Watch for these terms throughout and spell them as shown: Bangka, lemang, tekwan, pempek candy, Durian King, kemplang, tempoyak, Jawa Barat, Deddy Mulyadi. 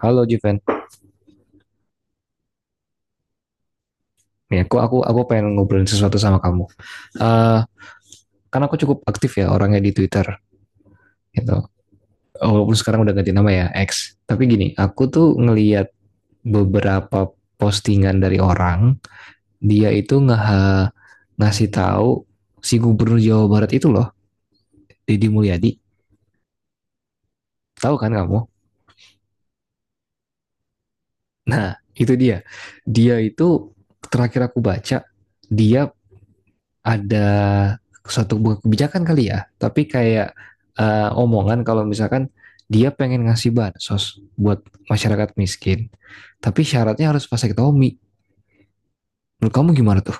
Halo Juven, ya aku pengen ngobrolin sesuatu sama kamu. Eh karena aku cukup aktif ya orangnya di Twitter gitu. Walaupun sekarang udah ganti nama ya X. Tapi gini, aku tuh ngeliat beberapa postingan dari orang, dia itu ngasih tahu si Gubernur Jawa Barat itu loh, Deddy Mulyadi. Tahu kan kamu? Nah, itu dia. Dia itu terakhir aku baca, dia ada suatu buah kebijakan kali ya, tapi kayak omongan kalau misalkan dia pengen ngasih bansos buat masyarakat miskin, tapi syaratnya harus pakai Tommy. Menurut kamu gimana tuh?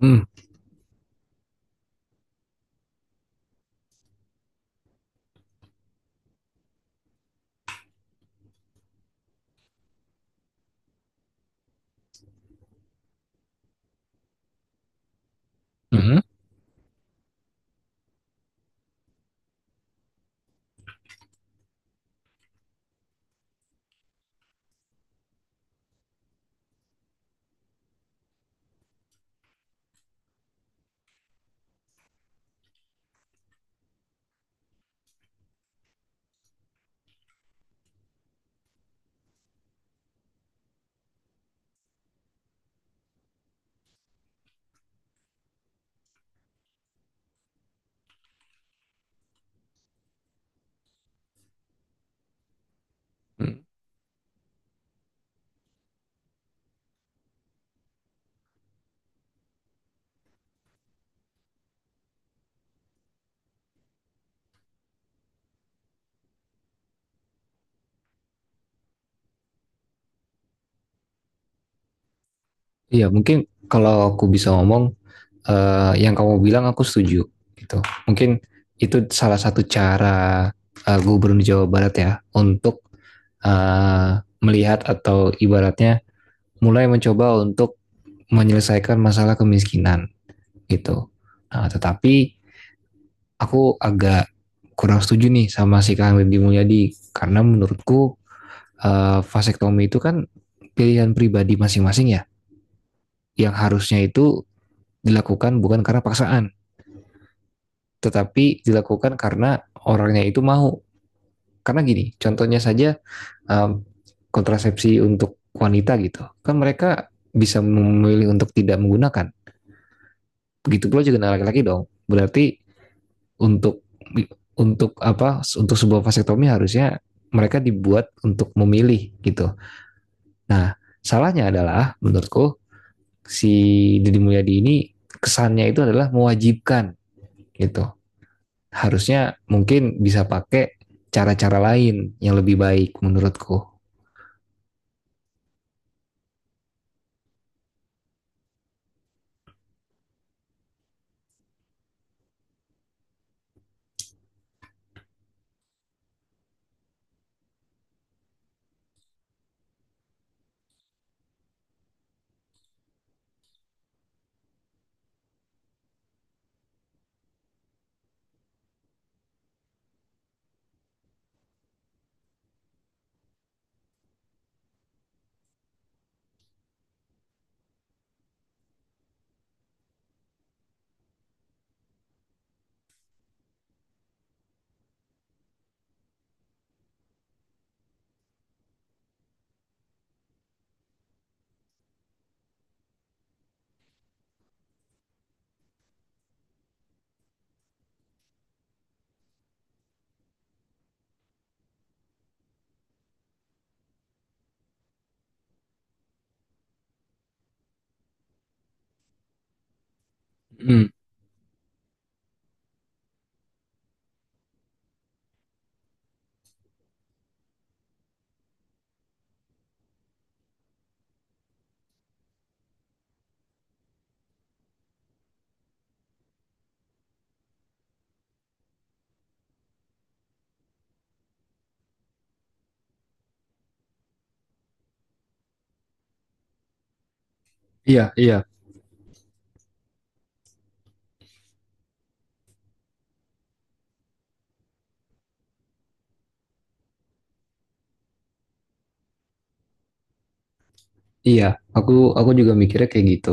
Hmm. Mhm. Iya, mungkin kalau aku bisa ngomong yang kamu bilang aku setuju gitu. Mungkin itu salah satu cara Gubernur Jawa Barat ya untuk eh, melihat atau ibaratnya mulai mencoba untuk menyelesaikan masalah kemiskinan. Gitu. Nah, tetapi aku agak kurang setuju nih sama si Kang Deddy Mulyadi karena menurutku vasektomi itu kan pilihan pribadi masing-masing ya yang harusnya itu dilakukan bukan karena paksaan, tetapi dilakukan karena orangnya itu mau. Karena gini, contohnya saja em, kontrasepsi untuk wanita gitu kan mereka bisa memilih untuk tidak menggunakan, begitu pula juga dengan laki-laki dong berarti. Untuk untuk apa, untuk sebuah vasektomi harusnya mereka dibuat untuk memilih gitu. Nah, salahnya adalah menurutku si Deddy Mulyadi ini kesannya itu adalah mewajibkan gitu. Harusnya mungkin bisa pakai cara-cara lain yang lebih baik menurutku. Hmm, iya, iya. Iya, aku juga mikirnya kayak gitu.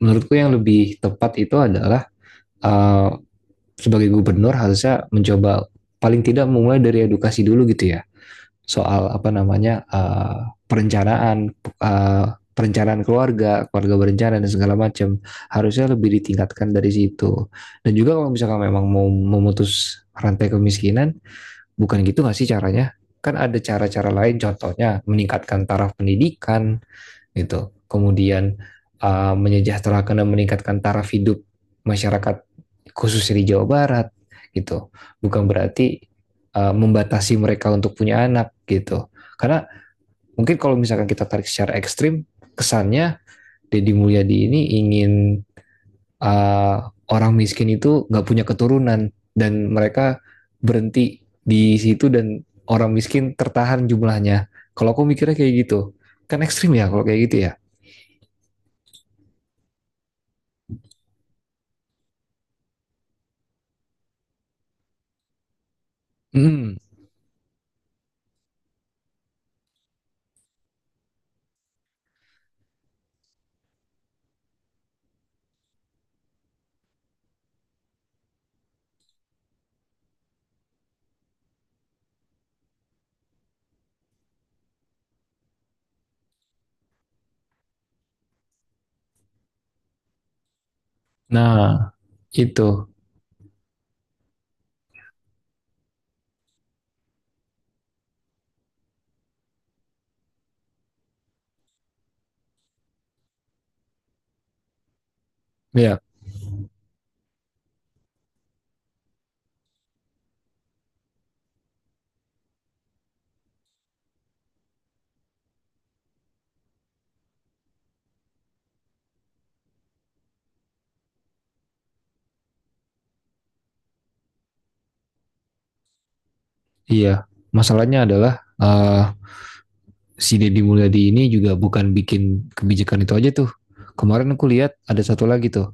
Menurutku yang lebih tepat itu adalah uh, sebagai gubernur harusnya mencoba paling tidak memulai dari edukasi dulu gitu ya, soal apa namanya, perencanaan perencanaan keluarga, keluarga berencana dan segala macam harusnya lebih ditingkatkan dari situ. Dan juga kalau misalkan memang mau memutus rantai kemiskinan, bukan gitu nggak sih caranya? Kan ada cara-cara lain, contohnya meningkatkan taraf pendidikan, gitu. Kemudian menyejahterakan dan meningkatkan taraf hidup masyarakat khususnya di Jawa Barat gitu. Bukan berarti membatasi mereka untuk punya anak gitu. Karena mungkin kalau misalkan kita tarik secara ekstrim, kesannya Deddy Mulyadi ini ingin uh, orang miskin itu nggak punya keturunan dan mereka berhenti di situ dan orang miskin tertahan jumlahnya. Kalau aku mikirnya kayak gitu, kan ekstrim ya kalau kayak gitu ya. Hmm. Nah, itu. Ya, iya. Masalahnya adalah eh, si Deddy Mulyadi ini juga bukan bikin kebijakan itu aja tuh. Kemarin aku lihat ada satu lagi tuh.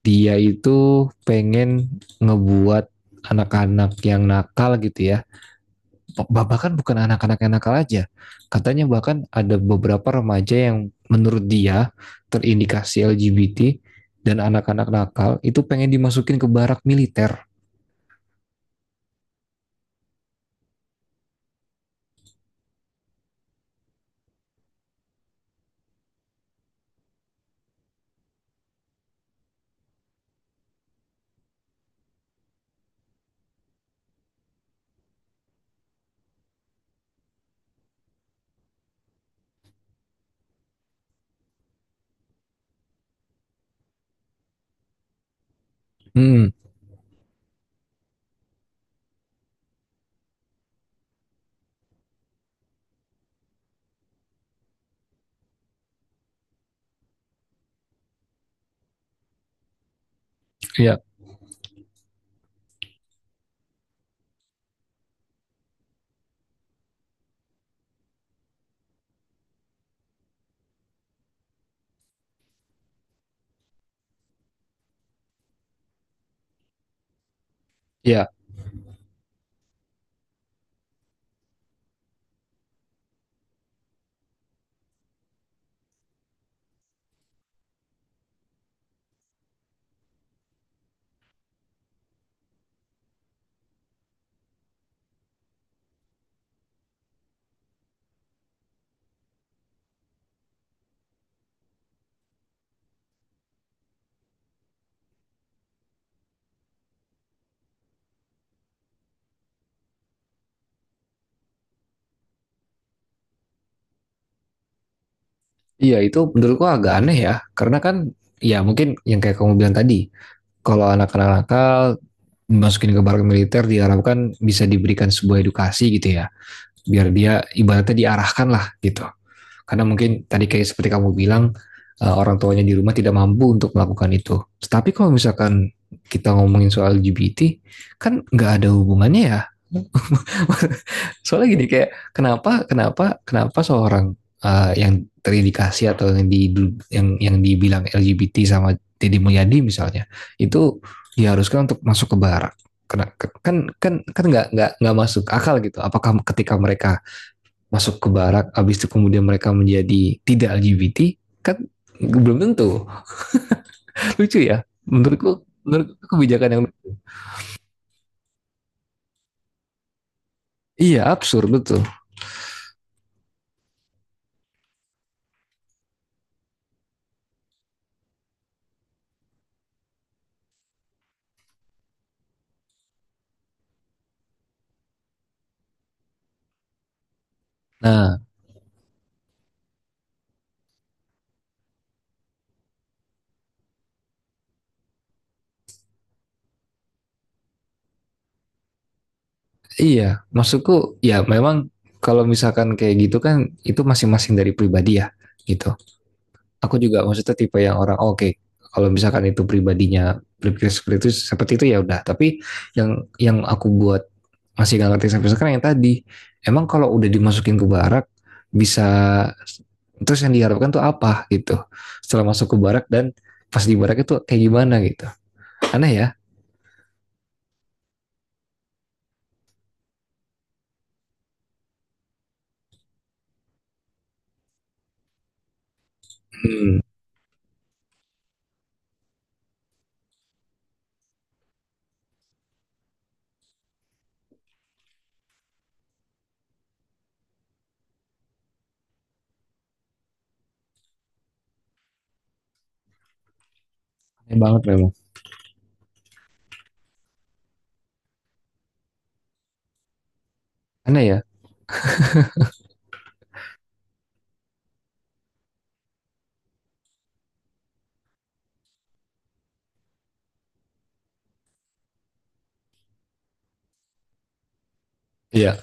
Dia itu pengen ngebuat anak-anak yang nakal gitu ya. Bahkan bukan anak-anak yang nakal aja. Katanya bahkan ada beberapa remaja yang menurut dia terindikasi LGBT dan anak-anak nakal itu pengen dimasukin ke barak militer. Hmm, ya. Ya, iya itu menurutku agak aneh ya, karena kan ya mungkin yang kayak kamu bilang tadi, kalau anak-anak nakal masukin ke barak militer diharapkan bisa diberikan sebuah edukasi gitu ya, biar dia ibaratnya diarahkan lah gitu. Karena mungkin tadi kayak seperti kamu bilang orang tuanya di rumah tidak mampu untuk melakukan itu. Tapi kalau misalkan kita ngomongin soal LGBT, kan nggak ada hubungannya ya. Soalnya gini kayak, kenapa kenapa kenapa seorang yang terindikasi atau yang di yang dibilang LGBT sama Deddy Mulyadi misalnya itu diharuskan untuk masuk ke barak. Kena- kan kan kan nggak masuk akal gitu. Apakah ketika mereka masuk ke barak, habis itu kemudian mereka menjadi tidak LGBT, kan belum tentu. Lucu ya, menurutku menurut kebijakan yang iya absurd betul. Nah, iya, maksudku ya memang kalau misalkan kayak gitu kan itu masing-masing dari pribadi ya gitu. Aku juga maksudnya tipe yang orang oh, oke okay, kalau misalkan itu pribadinya berpikir seperti itu ya udah. Tapi yang yang aku buat masih gak ngerti sampai sekarang yang tadi, emang kalau udah dimasukin ke barak bisa terus yang diharapkan tuh apa gitu setelah masuk ke barak dan pas di barak itu kayak gimana gitu, aneh ya. Hmm. Aneh banget memang. Aneh ya. Iya.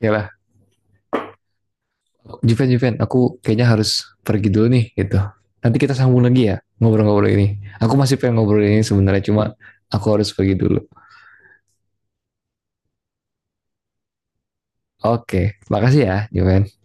Ya lah. Juven, Juven, aku kayaknya harus pergi dulu nih gitu. Nanti kita sambung lagi ya ngobrol-ngobrol ini. Aku masih pengen ngobrol ini sebenarnya cuma aku harus pergi dulu. Oke, makasih ya, Juven.